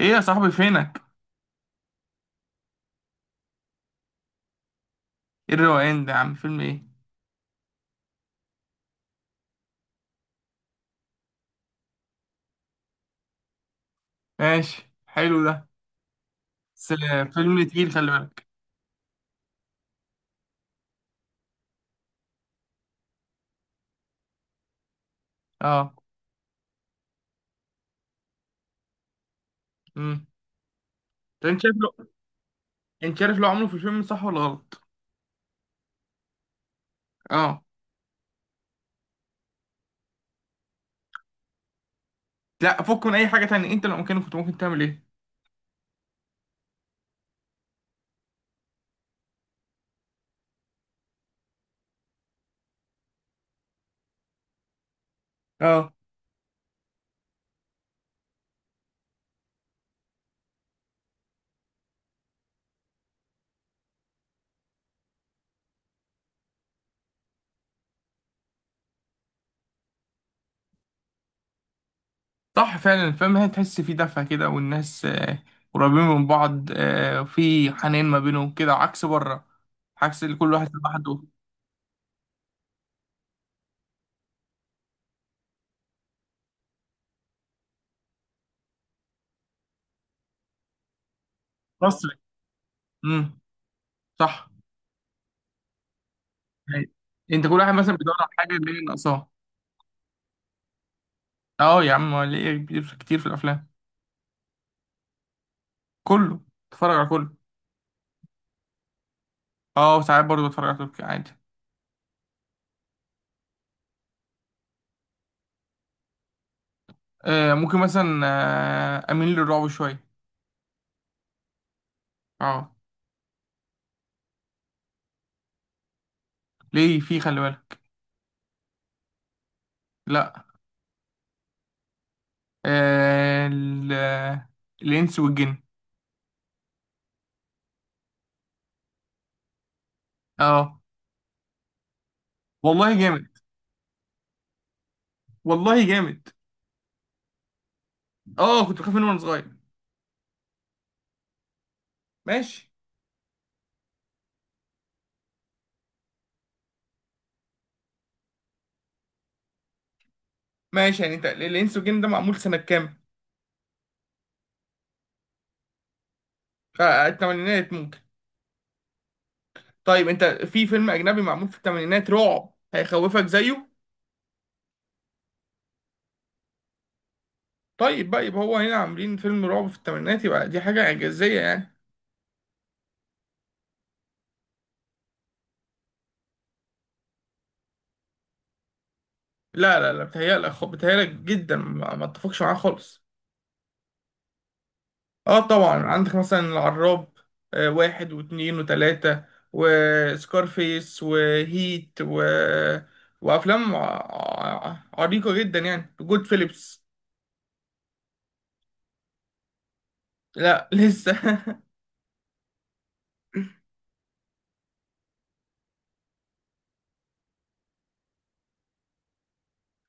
ايه يا صاحبي فينك؟ ايه الروقان ده يا عم؟ فيلم ايه؟ ماشي، حلو ده. بس فيلم تقيل، خلي بالك. اه. امم. طب، انت شايف لو عمله في الفيلم صح ولا غلط؟ اه. لا، فك من اي حاجه تانية، انت لو مكانك كنت ممكن تعمل ايه؟ اه. صح فعلا، الفيلم هي تحس فيه دفى كده والناس قريبين من بعض، وفي حنين ما بينهم كده عكس بره. عكس اللي كل واحد لوحده. مصري. امم. صح. أيوة. انت كل واحد مثلا بيدور على حاجه اللي هي ناقصاه. اه يا عم، ليه كتير كتير في الافلام. كله. بتفرج على كله. اه، ساعات برضه بتفرج على تركي عادي. ممكن مثلا، اميل للرعب شويه. اه، ليه في، خلي بالك. لا. آه ال- آه، الانس والجن. اه والله جامد. والله جامد. اه، كنت بخاف منه وانا صغير. ماشي. ماشي، يعني انت الانس والجن ده معمول سنه كام؟ الثمانينات ممكن. طيب انت في فيلم اجنبي معمول في الثمانينات رعب هيخوفك زيه؟ طيب بقى، يبقى هو هنا عاملين فيلم رعب في الثمانينات، يبقى دي حاجه اعجازيه يعني. لا لا لا، بتهيألك جدا، ما اتفقش معاه خالص. اه طبعا، عندك مثلا العراب. واحد واتنين وتلاتة، وسكارفيس وهيت وأفلام عريقة جدا، يعني، جود فيليبس. لا لسه.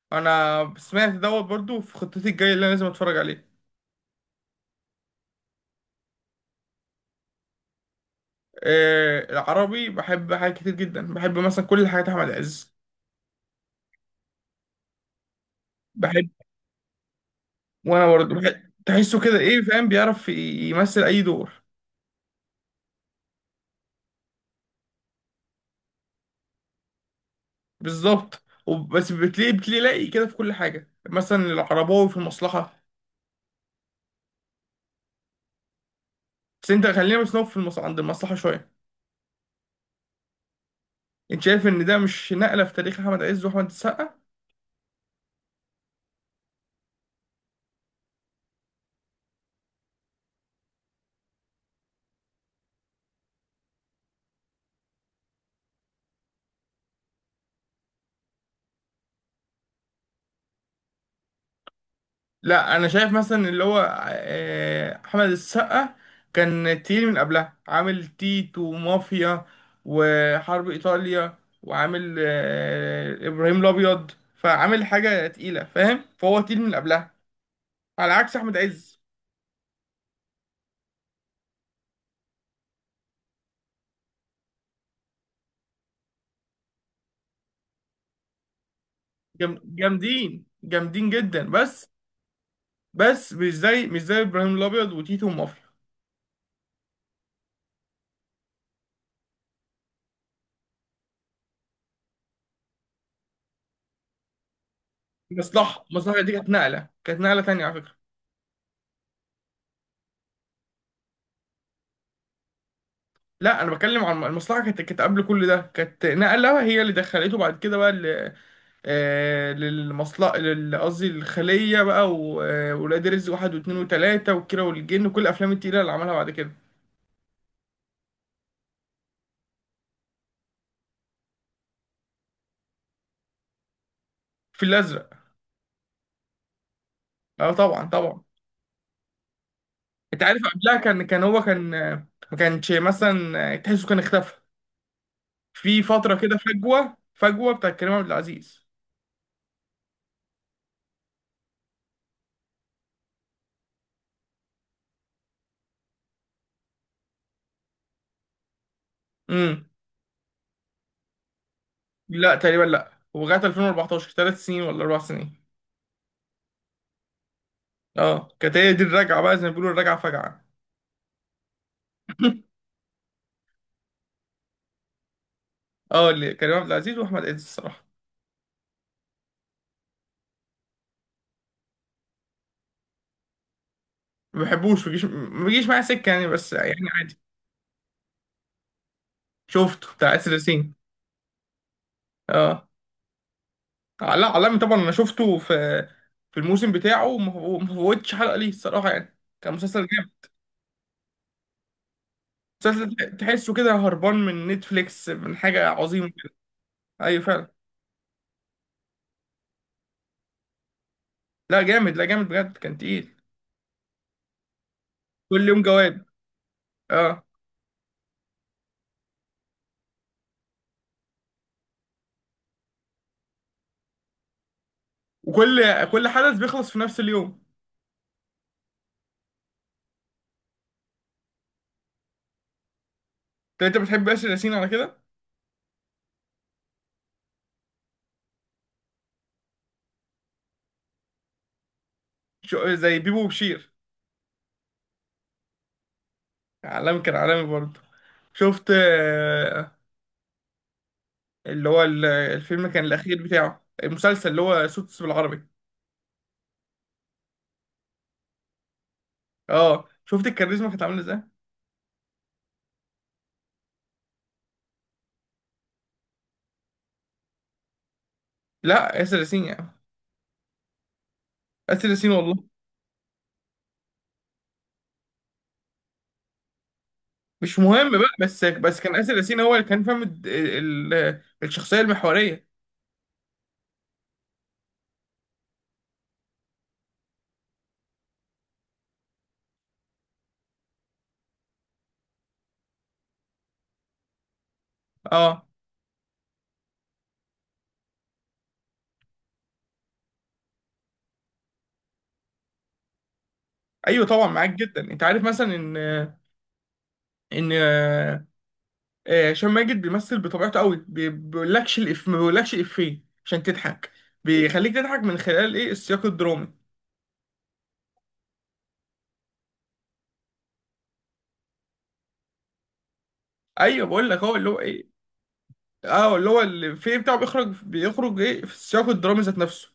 أنا سمعت دوت برضو، في خطتي الجاية اللي أنا لازم أتفرج عليه. العربي بحب حاجات كتير جدا، بحب مثلا كل حاجات أحمد عز. بحب. وأنا برضو بحب، تحسه كده إيه، فاهم، بيعرف يمثل أي دور. بالظبط، بس بتلاقي لاقي كده في كل حاجه، مثلا العرباوي في المصلحه. بس انت خلينا بس نقف عند المصلحه شويه. انت شايف ان ده مش نقله في تاريخ احمد عز واحمد السقا؟ لا، انا شايف مثلا اللي هو احمد السقا كان تقيل من قبلها، عامل تيت ومافيا وحرب ايطاليا، وعامل ابراهيم الابيض. فعامل حاجه تقيله، فاهم، فهو تقيل من قبلها، على عكس احمد عز. جامدين جامدين جدا، بس. بس مش زي ابراهيم الابيض وتيتو ومافيا. المصلحه دي كانت نقله تانية على فكره. لا، انا بتكلم عن المصلحه، كانت قبل كل ده، كانت نقله هي اللي دخلته بعد كده بقى قصدي الخليه بقى، وولاد رزق واحد واثنين وثلاثه، والكيره والجن، وكل الافلام التقيله اللي عملها بعد كده. في الازرق. اه طبعا طبعا. انت عارف، قبلها كان هو كان، ما كانش مثلا، تحسه كان اختفى في فتره كده، فجوه فجوه بتاع كريم عبد العزيز. لا تقريبا، لا، ولغايه 2014 ثلاث سنين ولا اربع سنين. اه، كانت هي دي الرجعه بقى، زي ما بيقولوا الرجعه فجعه. اه، اللي كريم عبد العزيز واحمد عز الصراحه. ما بحبوش، ما بيجيش معايا سكه، يعني بس، يعني عادي. شفته، بتاع اسر ياسين. اه. لا، علامي طبعا، انا شفته في الموسم بتاعه، وما فوتش حلقه ليه الصراحه، يعني كان مسلسل جامد. مسلسل تحسه كده هربان من نتفليكس، من حاجه عظيمه كده. ايوه فعلا. لا جامد، لا جامد بجد، كان تقيل. كل يوم جواد. اه، وكل كل حدث بيخلص في نفس اليوم. طب انت بتحب ياسر ياسين على كده؟ زي بيبو وبشير. عالمي، كان عالمي برضه. شفت، اللي هو الفيلم كان الاخير بتاعه، المسلسل اللي هو سوتس بالعربي. اه، شفت الكاريزما كانت عامله ازاي. لا، ياسر ياسين يعني. ياسر ياسين والله. مش مهم بقى، بس كان ياسر ياسين هو اللي كان فاهم الشخصيه المحوريه. اه. ايوه طبعا معاك جدا، انت عارف مثلا ان، ان آه، هشام ماجد بيمثل بطبيعته قوي، بيقولكش الإف، ما بيقولكش إفيه عشان تضحك. بيخليك تضحك من خلال السياق الدرامي. أيوه، بقول لك هو اللي هو إيه. أه، اللي هو الإفيه بتاعه بيخرج في السياق الدرامي ذات نفسه.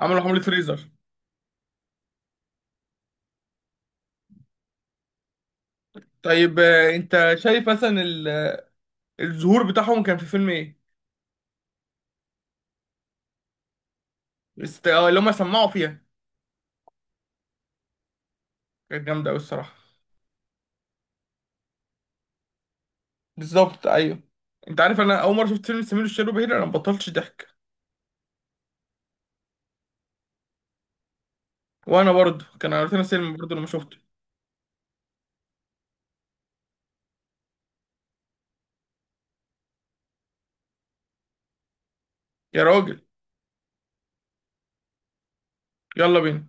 عملوا حملة فريزر. طيب، أنت شايف مثلا الظهور بتاعهم كان في فيلم إيه؟ اللي هما سمعوا فيها، كانت جامدة أوي الصراحة. بالظبط أيوه. أنت عارف، أنا أول مرة شفت فيلم سمير وشهير وبهير أنا مبطلتش ضحك. وأنا برضه، كان عرفتنا سينما برضه لما شفته. يا راجل. يلا بينا.